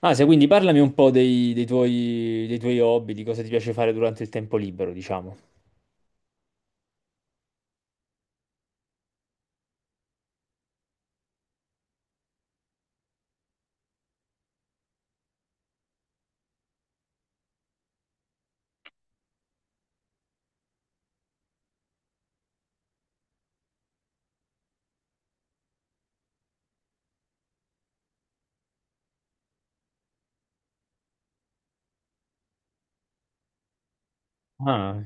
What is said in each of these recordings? Ah, se quindi parlami un po' dei tuoi hobby, di cosa ti piace fare durante il tempo libero, diciamo. Ah,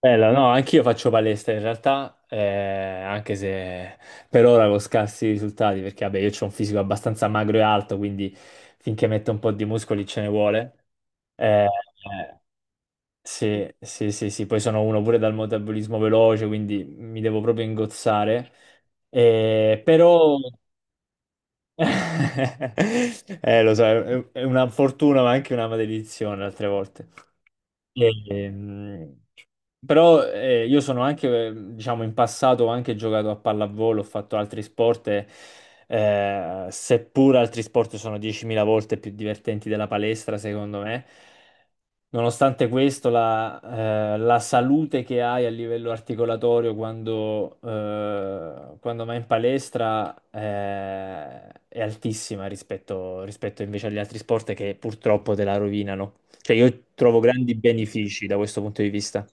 bello, no, anch'io faccio palestra in realtà, anche se per ora con scarsi risultati, perché vabbè, io ho un fisico abbastanza magro e alto, quindi finché metto un po' di muscoli ce ne vuole. Eh, eh, sì, sì, sì, sì, poi sono uno pure dal metabolismo veloce, quindi mi devo proprio ingozzare. Però lo so, è una fortuna ma anche una maledizione altre volte. E, mm, però io sono anche, diciamo, in passato ho anche giocato a pallavolo, ho fatto altri sport, seppur altri sport sono 10.000 volte più divertenti della palestra, secondo me. Nonostante questo, la salute che hai a livello articolatorio quando vai in palestra, è altissima rispetto invece agli altri sport che purtroppo te la rovinano. Cioè, io trovo grandi benefici da questo punto di vista.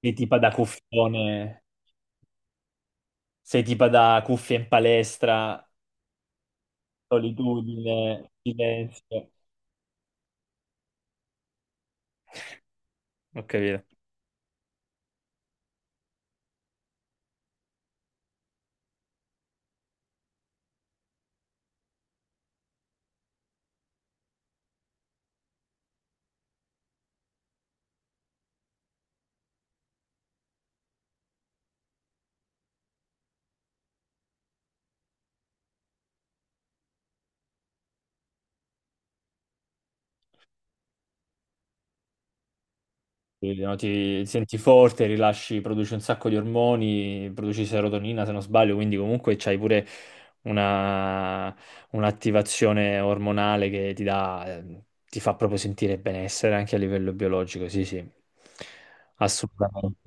Sei tipo da cuffione, sei tipo da cuffia in palestra, solitudine, silenzio. Ho capito. Quindi, no, ti senti forte, rilasci, produci un sacco di ormoni, produci serotonina se non sbaglio, quindi comunque c'hai pure una, un'attivazione ormonale che ti dà, ti fa proprio sentire benessere anche a livello biologico, sì, sì, assolutamente.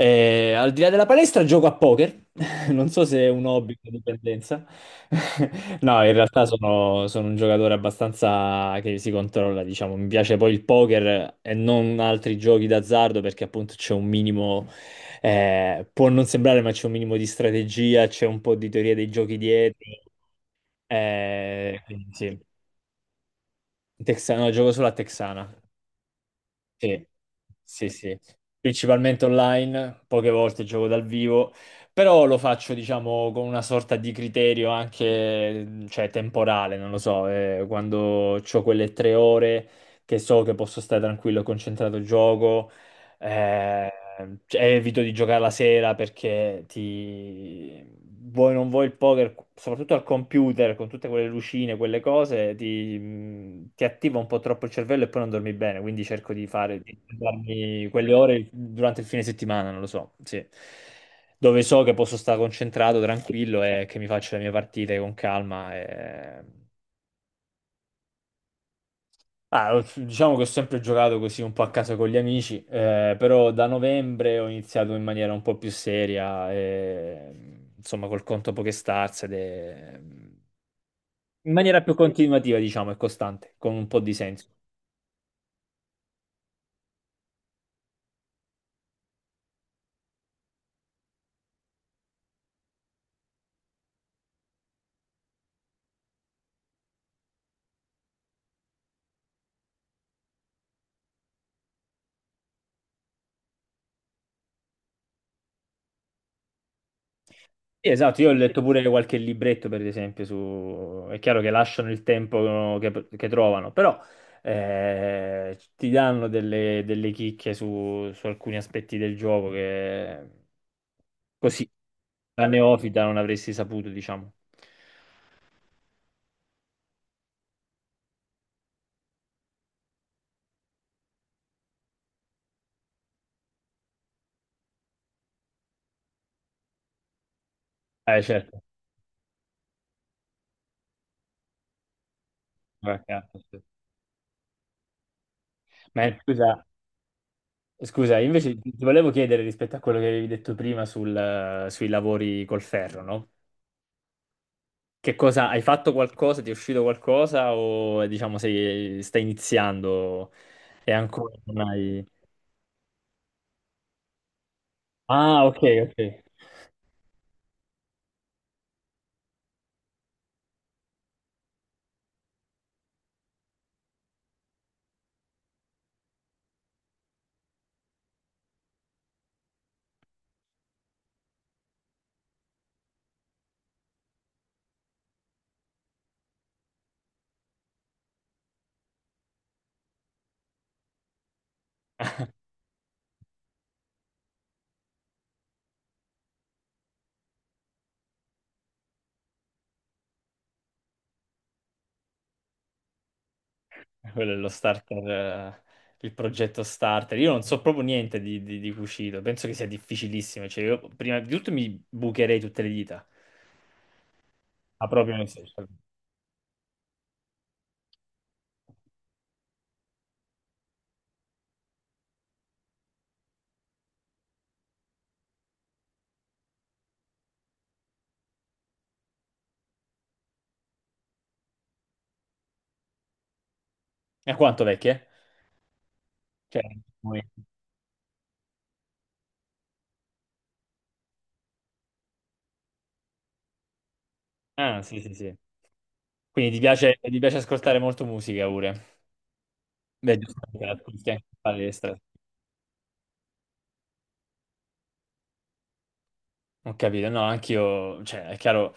Al di là della palestra gioco a poker, non so se è un hobby o una dipendenza. No, in realtà sono un giocatore abbastanza che si controlla, diciamo. Mi piace poi il poker e non altri giochi d'azzardo perché appunto c'è un minimo, può non sembrare, ma c'è un minimo di strategia, c'è un po' di teoria dei giochi dietro. Quindi sì. Texano, gioco solo a Texana. Sì, sì, sì. Principalmente online, poche volte gioco dal vivo, però lo faccio, diciamo, con una sorta di criterio anche, cioè, temporale, non lo so, quando ho quelle tre ore che so che posso stare tranquillo e concentrato, gioco, eh, cioè, evito di giocare la sera perché ti... vuoi non vuoi il poker, soprattutto al computer, con tutte quelle lucine, quelle cose, ti attiva un po' troppo il cervello e poi non dormi bene, quindi cerco di fare di darmi quelle ore durante il fine settimana, non lo so, sì. Dove so che posso stare concentrato, tranquillo e che mi faccio le mie partite con calma. E- diciamo che ho sempre giocato così un po' a casa con gli amici, però da novembre ho iniziato in maniera un po' più seria, insomma col conto PokéStars ed è- in maniera più continuativa, diciamo, e costante, con un po' di senso. Sì, esatto, io ho letto pure qualche libretto, per esempio, su... è chiaro che lasciano il tempo che trovano, però ti danno delle chicche su alcuni aspetti del gioco che... Così, da neofita non avresti saputo, diciamo. Certo. Vabbè, chiaro, sì. Ma scusa, scusa, io invece ti volevo chiedere rispetto a quello che avevi detto prima sul- sui lavori col ferro, no? Che cosa, hai fatto qualcosa, ti è uscito qualcosa o diciamo sei, stai iniziando e ancora non hai... Ah, ok, ok. Quello è lo starter, il progetto starter. Io non so proprio niente di cucito, penso che sia difficilissimo. Cioè, io prima di tutto mi bucherei tutte le dita. Ah, proprio nei social. E quanto vecchie? Cioè, noi- ah, sì, sì, sì. Quindi ti piace ascoltare molto musica pure. Beh, giusto perché la ascolti anche in palestra. Ho capito, no, anch'io, cioè, è chiaro,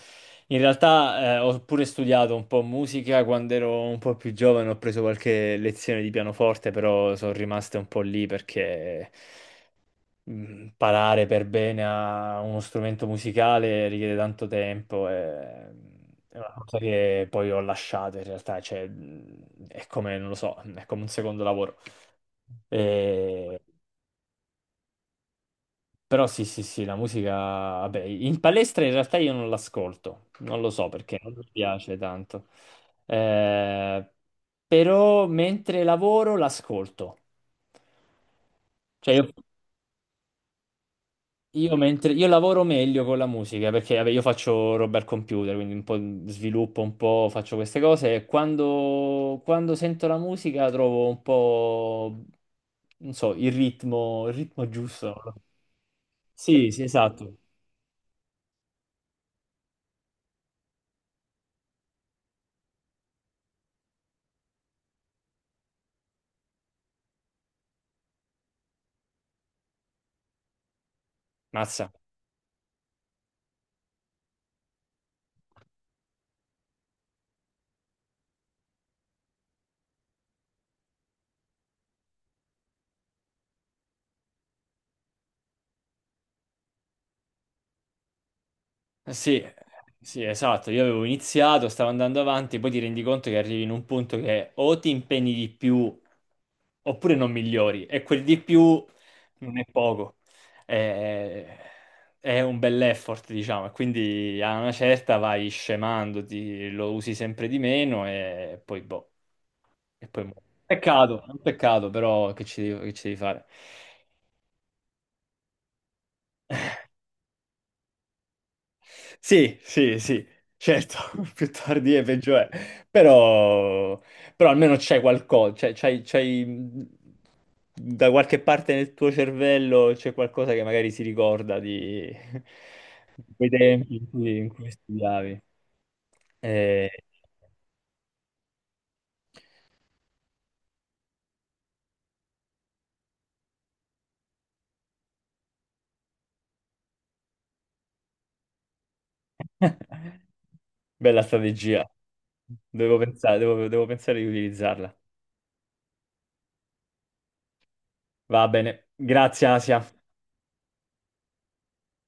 in realtà ho pure studiato un po' musica quando ero un po' più giovane, ho preso qualche lezione di pianoforte, però sono rimaste un po' lì perché imparare per bene a uno strumento musicale richiede tanto tempo e è una cosa che poi ho lasciato in realtà, cioè è come, non lo so, è come un secondo lavoro. E- Però sì, sì, sì, la musica, vabbè, in palestra in realtà io non l'ascolto, non lo so perché non mi piace tanto. Eh, Però mentre lavoro l'ascolto. Cioè io Io, io lavoro meglio con la musica perché vabbè, io faccio roba al computer, quindi un po' sviluppo, un po' faccio queste cose e quando sento la musica trovo un po', non so, il ritmo giusto. Sì, sì, esatto. Mazza. Sì, sì, esatto. Io avevo iniziato, stavo andando avanti, poi ti rendi conto che arrivi in un punto che o ti impegni di più oppure non migliori, e quel di più non è poco. È, è un bell'effort, diciamo, e quindi a una certa vai scemandoti, lo usi sempre di meno e poi boh, e poi muori. Peccato, è un peccato, però che ci devi fare? Sì, sì, sì, certo, più tardi è peggio è, però, però almeno c'è qualcosa, c'hai, da qualche parte nel tuo cervello c'è qualcosa che magari si ricorda di, di quei tempi in cui studiavi. Eh, Bella strategia, devo pensare, devo pensare di utilizzarla. Va bene, grazie Asia.